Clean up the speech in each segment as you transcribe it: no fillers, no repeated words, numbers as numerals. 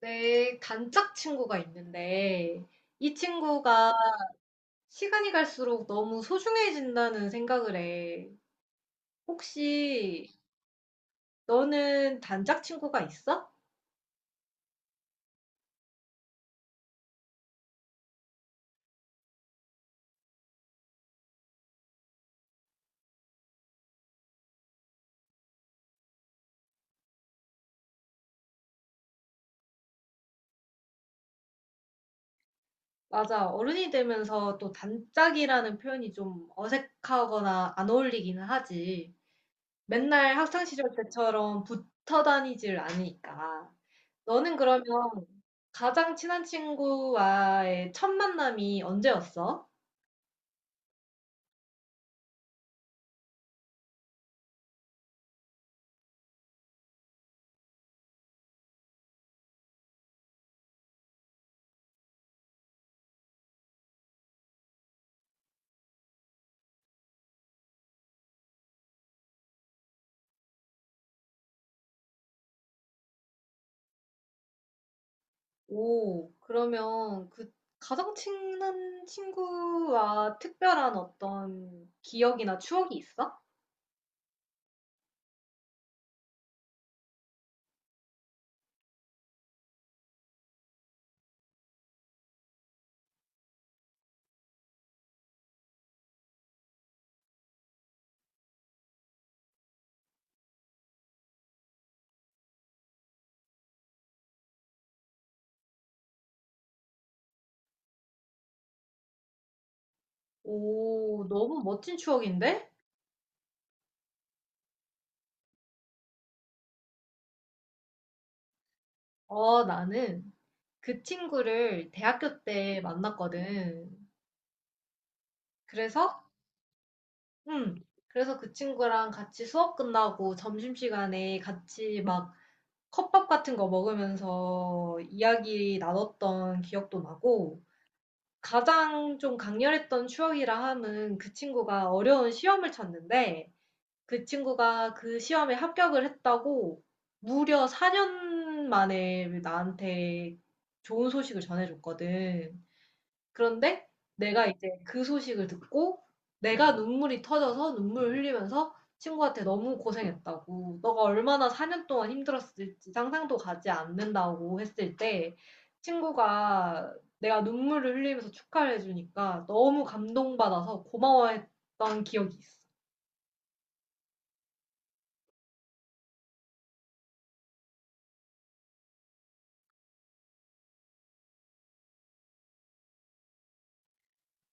내 단짝 친구가 있는데 이 친구가 시간이 갈수록 너무 소중해진다는 생각을 해. 혹시 너는 단짝 친구가 있어? 맞아. 어른이 되면서 또 단짝이라는 표현이 좀 어색하거나 안 어울리기는 하지. 맨날 학창 시절 때처럼 붙어 다니질 않으니까. 너는 그러면 가장 친한 친구와의 첫 만남이 언제였어? 오. 그러면 그 가장 친한 친구와 특별한 어떤 기억이나 추억이 있어? 오, 너무 멋진 추억인데? 어, 나는 그 친구를 대학교 때 만났거든. 그래서, 음, 그래서 그 친구랑 같이 수업 끝나고 점심시간에 같이 막 컵밥 같은 거 먹으면서 이야기 나눴던 기억도 나고, 가장 좀 강렬했던 추억이라 함은 그 친구가 어려운 시험을 쳤는데 그 친구가 그 시험에 합격을 했다고 무려 4년 만에 나한테 좋은 소식을 전해줬거든. 그런데 내가 이제 그 소식을 듣고 내가 눈물이 터져서 눈물 흘리면서 친구한테 너무 고생했다고, 너가 얼마나 4년 동안 힘들었을지 상상도 가지 않는다고 했을 때 친구가, 내가 눈물을 흘리면서 축하를 해주니까 너무 감동받아서 고마워했던 기억이 있어.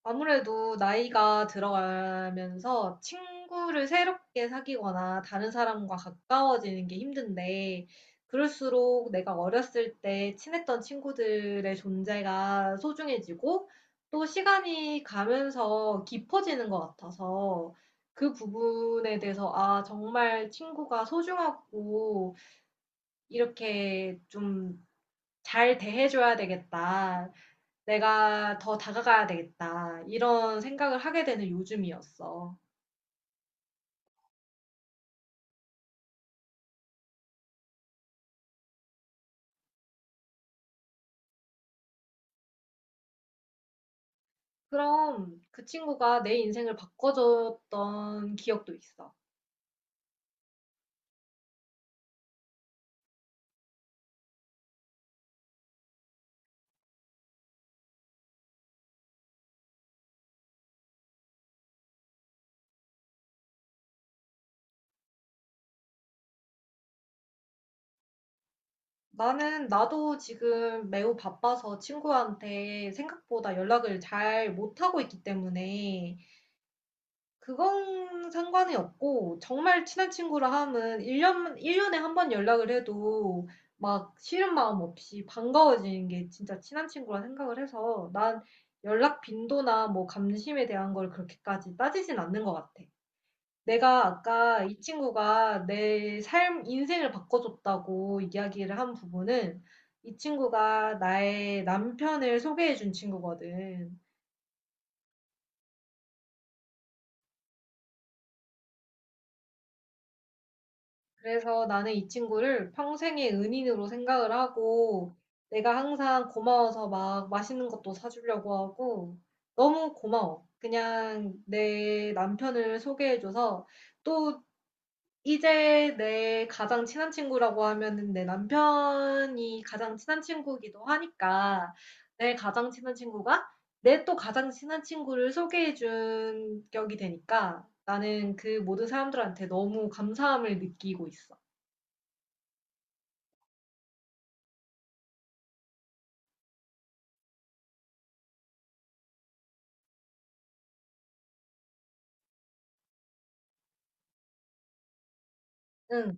아무래도 나이가 들어가면서 친구를 새롭게 사귀거나 다른 사람과 가까워지는 게 힘든데, 그럴수록 내가 어렸을 때 친했던 친구들의 존재가 소중해지고, 또 시간이 가면서 깊어지는 것 같아서, 그 부분에 대해서, 아, 정말 친구가 소중하고, 이렇게 좀 잘 대해줘야 되겠다. '내가 더 다가가야 되겠다.' 이런 생각을 하게 되는 요즘이었어. 그럼 그 친구가 내 인생을 바꿔 줬던 기억도 있어. 나는 나도 지금 매우 바빠서 친구한테 생각보다 연락을 잘 못하고 있기 때문에 그건 상관이 없고, 정말 친한 친구라 함은 1년, 일년에 한번 연락을 해도 막 싫은 마음 없이 반가워지는 게 진짜 친한 친구라 생각을 해서, 난 연락 빈도나 뭐 감심에 대한 걸 그렇게까지 따지진 않는 것 같아. 내가 아까 이 친구가 내 삶, 인생을 바꿔줬다고 이야기를 한 부분은 이 친구가 나의 남편을 소개해준 친구거든. 그래서 나는 이 친구를 평생의 은인으로 생각을 하고 내가 항상 고마워서 막 맛있는 것도 사주려고 하고. 너무 고마워. 그냥 내 남편을 소개해줘서. 또 이제 내 가장 친한 친구라고 하면은 내 남편이 가장 친한 친구이기도 하니까, 내 가장 친한 친구가 내 또 가장 친한 친구를 소개해준 격이 되니까 나는 그 모든 사람들한테 너무 감사함을 느끼고 있어. 응.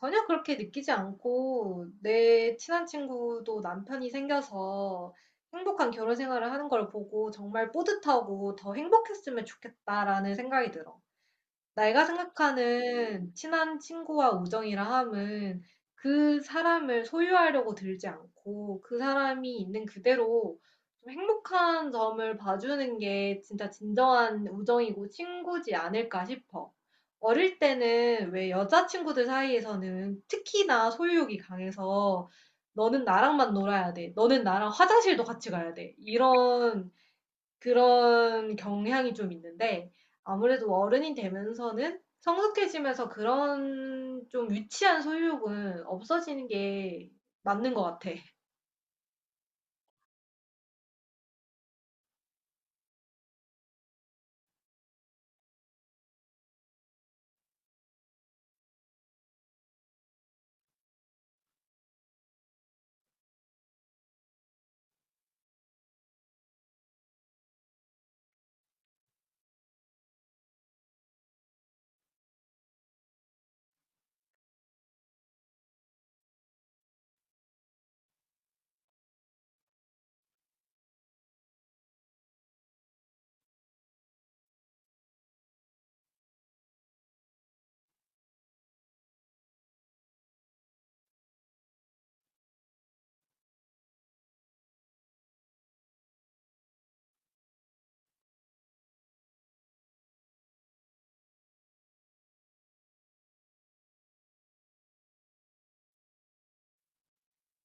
전혀 그렇게 느끼지 않고, 내 친한 친구도 남편이 생겨서 행복한 결혼 생활을 하는 걸 보고 정말 뿌듯하고 더 행복했으면 좋겠다라는 생각이 들어. 내가 생각하는 친한 친구와 우정이라 함은 그 사람을 소유하려고 들지 않고 그 사람이 있는 그대로 좀 행복한 점을 봐주는 게 진짜 진정한 우정이고 친구지 않을까 싶어. 어릴 때는 왜 여자친구들 사이에서는 특히나 소유욕이 강해서 너는 나랑만 놀아야 돼. 너는 나랑 화장실도 같이 가야 돼. 이런 그런 경향이 좀 있는데, 아무래도 어른이 되면서는 성숙해지면서 그런 좀 유치한 소유욕은 없어지는 게 맞는 것 같아.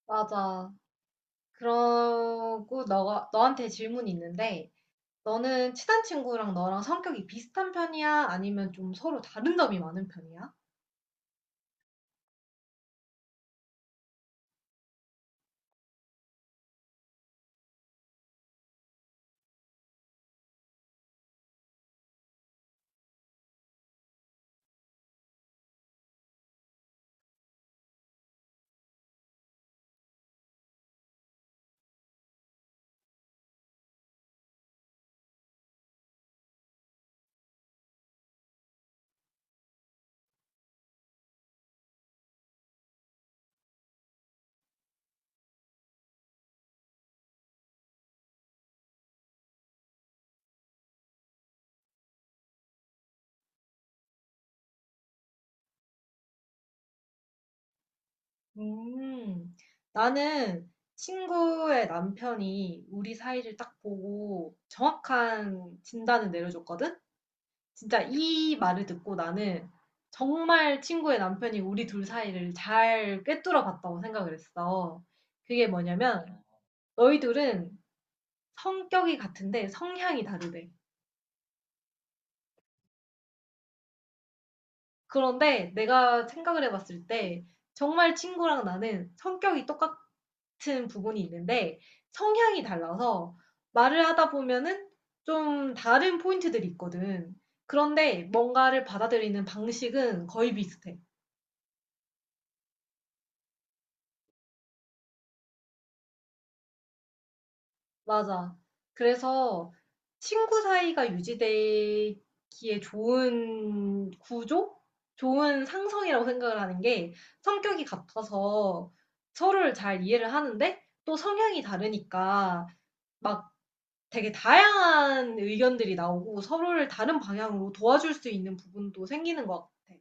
맞아. 그러고 너가 너한테 질문이 있는데, 너는 친한 친구랑 너랑 성격이 비슷한 편이야? 아니면 좀 서로 다른 점이 많은 편이야? 음, 나는 친구의 남편이 우리 사이를 딱 보고 정확한 진단을 내려줬거든? 진짜 이 말을 듣고 나는 정말 친구의 남편이 우리 둘 사이를 잘 꿰뚫어 봤다고 생각을 했어. 그게 뭐냐면, 너희 둘은 성격이 같은데 성향이 다르대. 그런데 내가 생각을 해봤을 때 정말 친구랑 나는 성격이 똑같은 부분이 있는데 성향이 달라서 말을 하다 보면은 좀 다른 포인트들이 있거든. 그런데 뭔가를 받아들이는 방식은 거의 비슷해. 맞아. 그래서 친구 사이가 유지되기에 좋은 구조? 좋은 상성이라고 생각을 하는 게, 성격이 같아서 서로를 잘 이해를 하는데 또 성향이 다르니까 막 되게 다양한 의견들이 나오고 서로를 다른 방향으로 도와줄 수 있는 부분도 생기는 것 같아.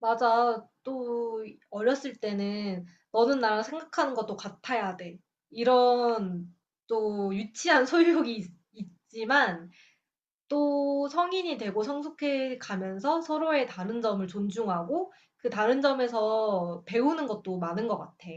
맞아. 또 어렸을 때는 너는 나랑 생각하는 것도 같아야 돼. 이런 또 유치한 소유욕이 있지만 또 성인이 되고 성숙해 가면서 서로의 다른 점을 존중하고 그 다른 점에서 배우는 것도 많은 것 같아.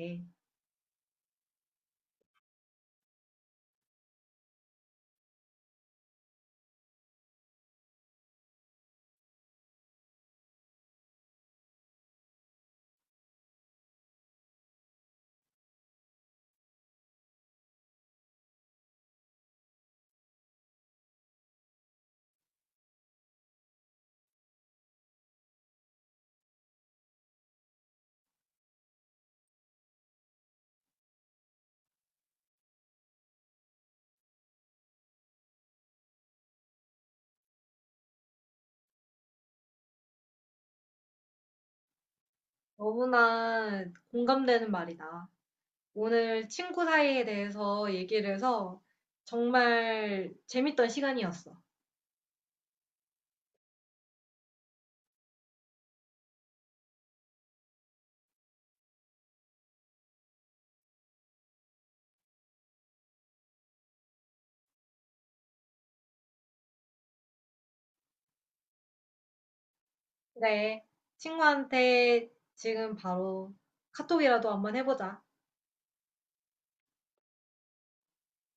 너무나 공감되는 말이다. 오늘 친구 사이에 대해서 얘기를 해서 정말 재밌던 시간이었어. 네. 친구한테 지금 바로 카톡이라도 한번 해 보자.